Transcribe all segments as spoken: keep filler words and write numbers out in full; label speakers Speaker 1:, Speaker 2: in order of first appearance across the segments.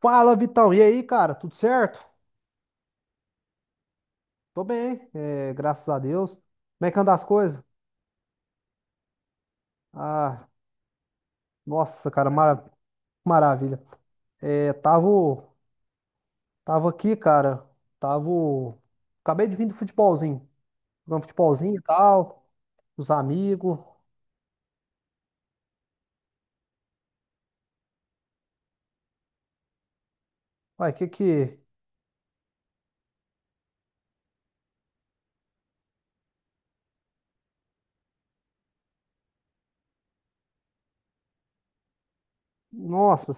Speaker 1: Fala, Vitão. E aí, cara? Tudo certo? Tô bem, é, graças a Deus. Como é que anda as coisas? Ah, nossa, cara, mara- maravilha. É, tava, tava aqui, cara. Tava. Acabei de vir do futebolzinho. Jogando futebolzinho e tal. Os amigos. Ué, que que. Nossa.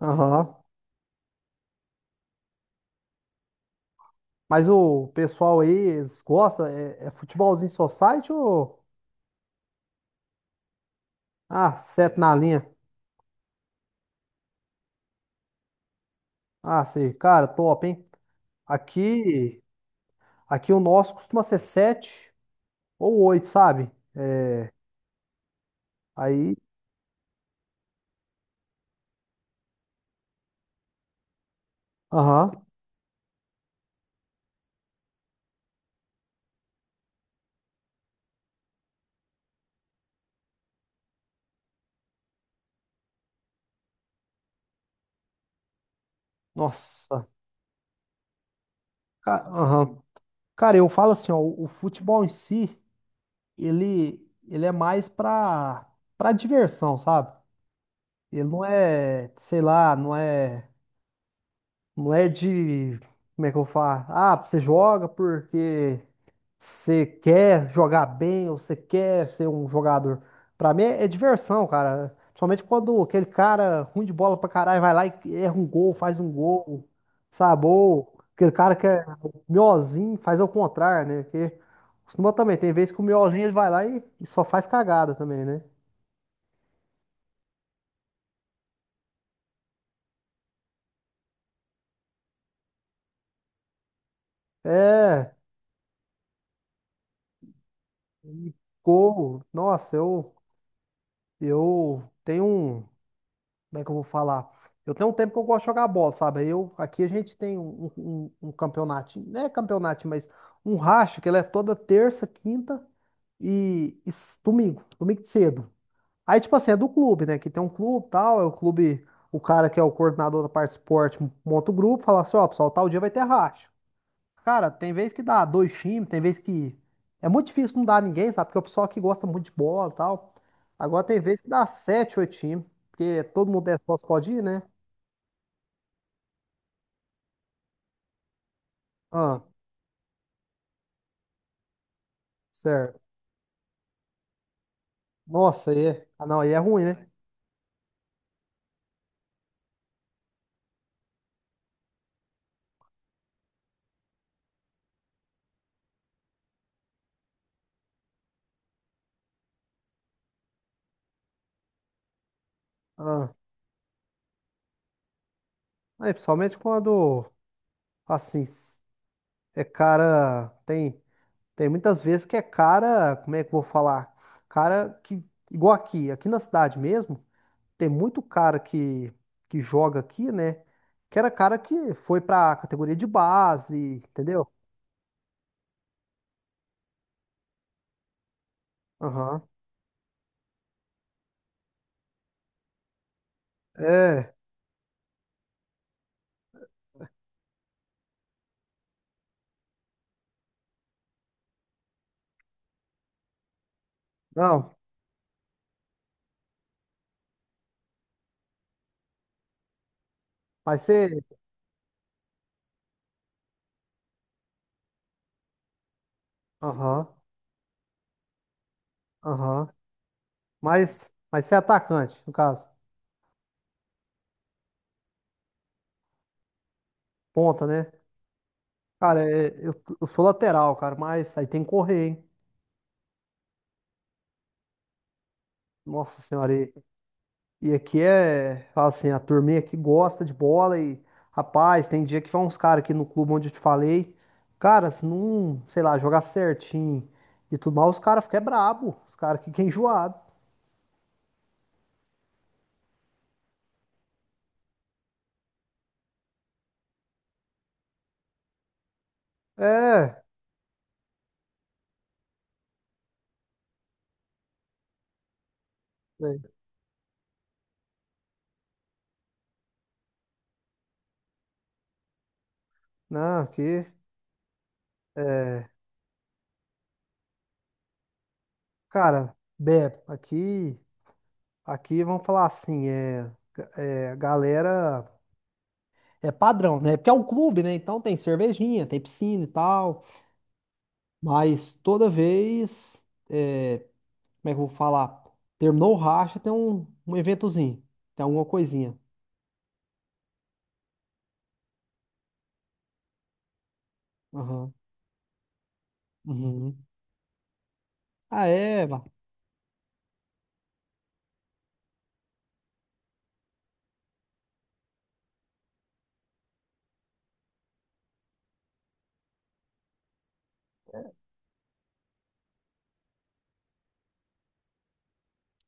Speaker 1: Aham. Mas o pessoal aí, eles gostam? É, é futebolzinho society ou. Ah, sete na linha. Ah, sei. Cara, top, hein? Aqui. Aqui o nosso costuma ser sete ou oito, sabe? Aí, aham, nossa, ca- aham. Cara, eu falo assim, ó, o, o futebol em si, ele, ele é mais pra, pra diversão, sabe? Ele não é, sei lá, não é, não é de, como é que eu falo? Ah, você joga porque você quer jogar bem ou você quer ser um jogador? Pra mim é, é diversão, cara. Principalmente quando aquele cara ruim de bola pra caralho vai lá e erra um gol, faz um gol, sabe? Ou aquele cara que é miozinho faz ao contrário, né? Porque costuma também, tem vezes que o miozinho ele vai lá e, e só faz cagada também, né? É, e gol. Nossa, eu, eu tenho um. Como é que eu vou falar? Eu tenho um tempo que eu gosto de jogar bola, sabe? Aí eu, aqui a gente tem um, um, um um campeonato, não é campeonato, mas um racha, que ele é toda terça, quinta e, e s- domingo, domingo de cedo. Aí, tipo assim, é do clube, né? Que tem um clube e tal, é o clube, o cara que é o coordenador da parte de esporte monta o grupo, fala assim, ó, pessoal, tal dia vai ter racha. Cara, tem vez que dá dois times, tem vez que. É muito difícil não dar ninguém, sabe? Porque o pessoal aqui gosta muito de bola e tal. Agora tem vez que dá sete, oito times. Porque todo mundo é sócio, pode ir, né? Ah, certo. Nossa, aí é. Ah, não, aí é ruim, né? Ah, aí, principalmente quando, assim, é cara. Tem, tem muitas vezes que é cara. Como é que eu vou falar? Cara que. Igual aqui, aqui, na cidade mesmo. Tem muito cara que, que joga aqui, né? Que era cara que foi pra categoria de base, entendeu? Aham. É, não, mas você. Aham, aham. Mas, mas você é atacante, no caso. Ponta, né? Cara, é, eu, eu sou lateral, cara, mas aí tem que correr, hein? Nossa senhora, e E aqui é, fala assim, a turminha aqui gosta de bola e, rapaz, tem dia que vão uns caras aqui no clube onde eu te falei, cara, se não, sei lá, jogar certinho e tudo mais, os caras ficam brabo, os caras ficam enjoados. É, né? Não, aqui, é, cara, Beb, aqui, aqui, vamos falar assim, é, é, galera, é padrão, né? Porque é um clube, né? Então tem cervejinha, tem piscina e tal, mas toda vez. é, Como é que eu vou falar? Terminou o racha, tem um, um eventozinho, tem alguma coisinha. Aham. Uhum. Ah, é, vá.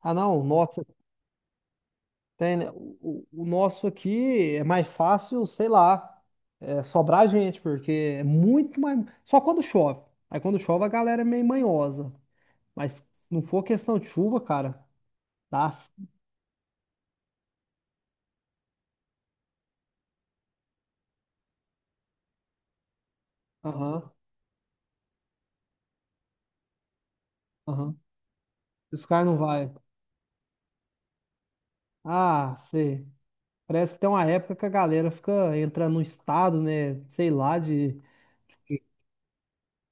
Speaker 1: Ah, não, nossa, tem, né? O, o o nosso aqui é mais fácil, sei lá, é, sobrar gente, porque é muito mais. Só quando chove. Aí quando chove a galera é meio manhosa. Mas se não for questão de chuva, cara, dá. Aham, aham. Os caras não vai. Ah, sei. Parece que tem uma época que a galera fica entrando no estado, né? Sei lá, de.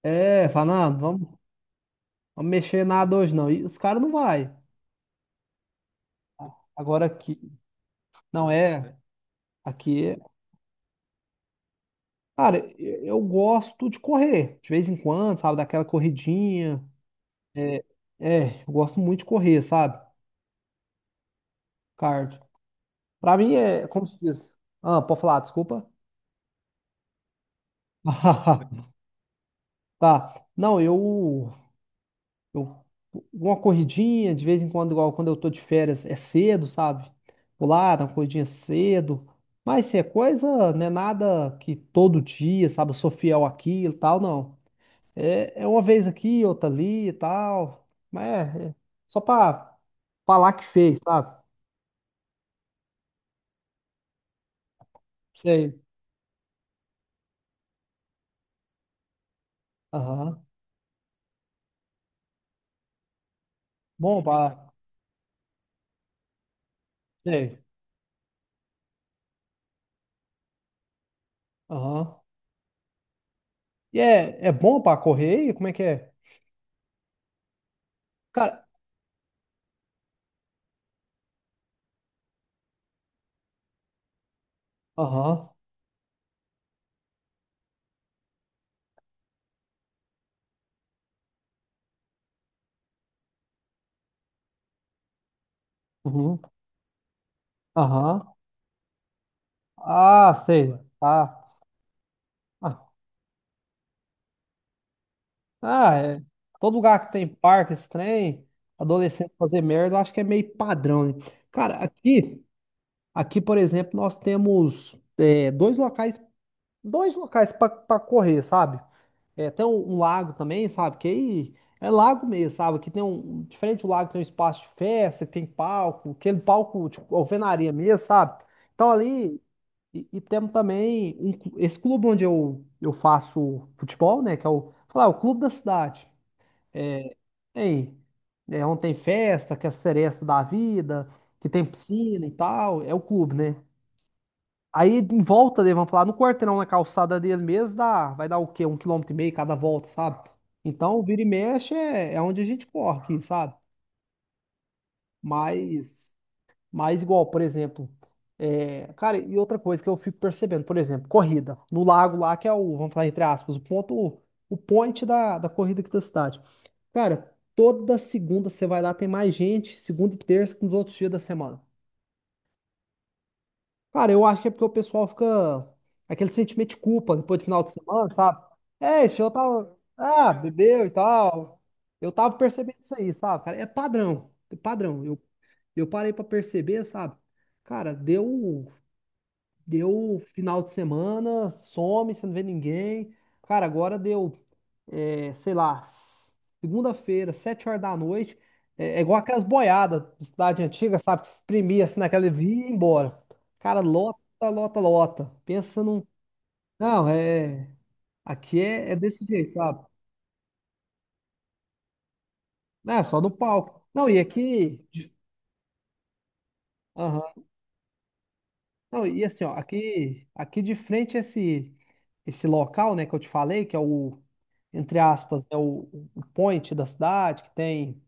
Speaker 1: É, fala, não, vamos, vamos mexer nada hoje não. E os caras não vai. Agora aqui, não é. Aqui, é- cara, eu eu gosto de correr. De vez em quando, sabe? Daquela corridinha. É, é, eu gosto muito de correr, sabe? Cardio. Pra mim é, como se diz? Ah, pode falar, desculpa. Tá. Não, eu. Eu, uma corridinha, de vez em quando, igual quando eu tô de férias, é cedo, sabe? Vou lá, dar uma corridinha cedo. Mas se é coisa, não é nada que todo dia, sabe? Eu sou fiel àquilo e tal, não. É, é uma vez aqui, outra ali e tal. Mas é, é só pra falar que fez, sabe? Sei. Aham. Bom pra. Sei. Aham. E é, é bom pra correr? E como é que é? Cara. Aham. Uhum. Aham. Ah, sei. Tá. Ah, Ah, é. Todo lugar que tem parque, esse trem, adolescente fazer merda, eu acho que é meio padrão, né? Cara, aqui, aqui, por exemplo, nós temos é, dois locais, dois locais para correr, sabe? É, tem um, um lago também, sabe? Que aí é lago mesmo, sabe? Aqui tem um, diferente do lago, tem um espaço de festa, tem palco, aquele palco, tipo, alvenaria mesmo, sabe? Então ali, e, e temos também um clu- esse clube onde eu, eu faço futebol, né? Que é o, sei lá, o clube da cidade. Ei, é onde tem festa, que é a seresta da vida, que tem piscina e tal, é o clube, né? Aí em volta dele, vamos falar, no quarteirão, na calçada dele mesmo, dá, vai dar o quê? Um quilômetro e meio cada volta, sabe? Então, vira e mexe é, é onde a gente corre, aqui, sabe? Mas mas igual, por exemplo, é, cara, e outra coisa que eu fico percebendo, por exemplo, corrida no lago lá, que é o, vamos falar entre aspas, o ponto, o point da, da corrida aqui da cidade. Cara, toda segunda você vai lá, tem mais gente, segunda e terça que nos outros dias da semana. Cara, eu acho que é porque o pessoal fica aquele sentimento de culpa depois do final de semana, sabe? É, esse eu tava, ah, bebeu e tal. Eu tava percebendo isso aí, sabe, cara? É padrão, é padrão. Eu, eu parei pra perceber, sabe? Cara, deu. Deu final de semana, some, você não vê ninguém. Cara, agora deu, é, sei lá, s- segunda-feira, sete horas da noite. É, é igual aquelas boiadas de cidade antiga, sabe? Que se exprimia assim naquela via e ia embora. Cara, lota, lota, lota. Pensa num. Não, é. Aqui é, é desse jeito, sabe? Não, é só no palco. Não, e aqui. Não, e assim, ó, aqui, aqui, de frente esse esse local, né, que eu te falei, que é o, entre aspas, né, o, o point da cidade, que tem,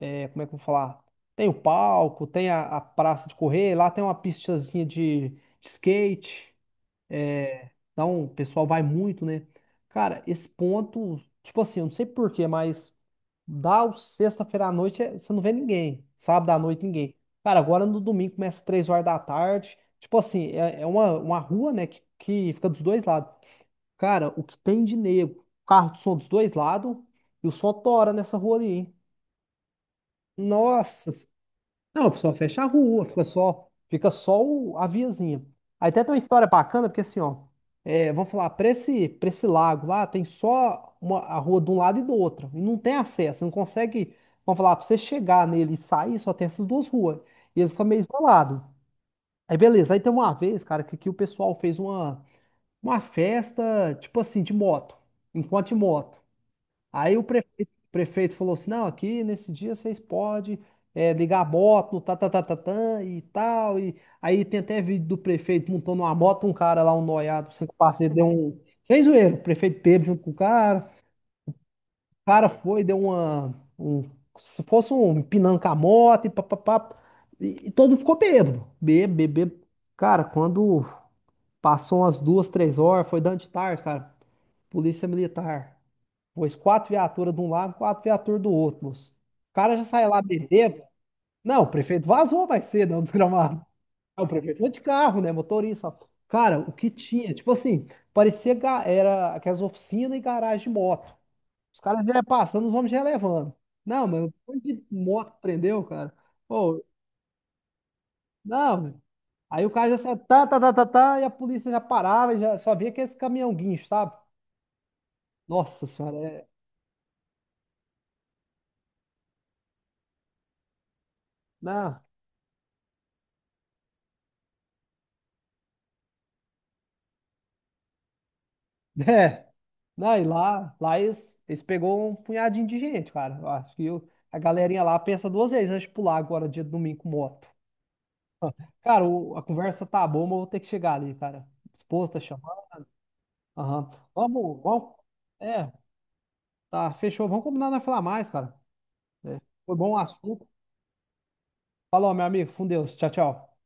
Speaker 1: é, como é que eu vou falar? Tem o palco, tem a, a praça de correr, lá tem uma pistazinha de, de skate, então o pessoal vai muito, né? Cara, esse ponto, tipo assim, eu não sei por quê, mas dá o sexta-feira à noite, é- você não vê ninguém. Sábado à noite, ninguém. Cara, agora no domingo começa três horas da tarde. Tipo assim, é, é uma, uma rua, né, que, que fica dos dois lados. Cara, o que tem de nego? Carro de som dos dois lados e o som tora nessa rua ali, hein? Nossa! Não, o pessoal fecha a rua, fica só, fica só o- a viazinha. Aí até tem uma história bacana, porque assim, ó, é, vamos falar, para esse, para esse, lago lá, tem só uma, a rua de um lado e do outro, e não tem acesso, você não consegue, vamos falar, para você chegar nele e sair, só tem essas duas ruas, e ele fica meio isolado. Aí beleza, aí tem uma vez, cara, que, que o pessoal fez uma, uma festa, tipo assim, de moto, enquanto de moto. Aí o prefeito, o prefeito falou assim: não, aqui nesse dia vocês podem é, ligar a moto, no tá, tá, tá, tá, tá, e tal. E aí tem até vídeo do prefeito montando uma moto, um cara lá, um noiado, sem parceiro, deu um. Sem zoeira, o prefeito teve junto com o cara. O cara foi, deu uma. Um, se fosse um empinando com a moto e papapá. E, e todo mundo ficou bêbado. Bêbado, bêbado. Cara, quando passou umas duas, três horas, foi dando de tarde, cara. Polícia militar. Pôs quatro viaturas de um lado, quatro viaturas do outro, moço. O cara já sai lá bebendo. Não, o prefeito vazou mais cedo, é um desgramado. Não, o prefeito foi de carro, né? Motorista. Cara, o que tinha? Tipo assim, parecia ga- era aquelas oficinas e garagem de moto. Os caras já iam passando, os homens já iam levando. Não, mas um monte de moto que prendeu, cara. Pô, não, velho. Aí o cara já saia, tá, tá, tá, tá, tá, e a polícia já parava, e já só via aquele caminhão guincho, sabe? Nossa senhora, é. Não. É. Não, e lá, lá eles, eles pegou um punhadinho de gente, cara. Eu acho que eu- a galerinha lá pensa duas vezes antes de pular agora, dia de domingo com moto. Cara, o- a conversa tá boa, mas eu vou ter que chegar ali, cara. Esposa tá chamando. Aham. Vamos, vamos. É, tá, fechou. Vamos combinar não falar mais, cara. É, foi bom o assunto. Falou, meu amigo. Com Deus. Tchau, tchau.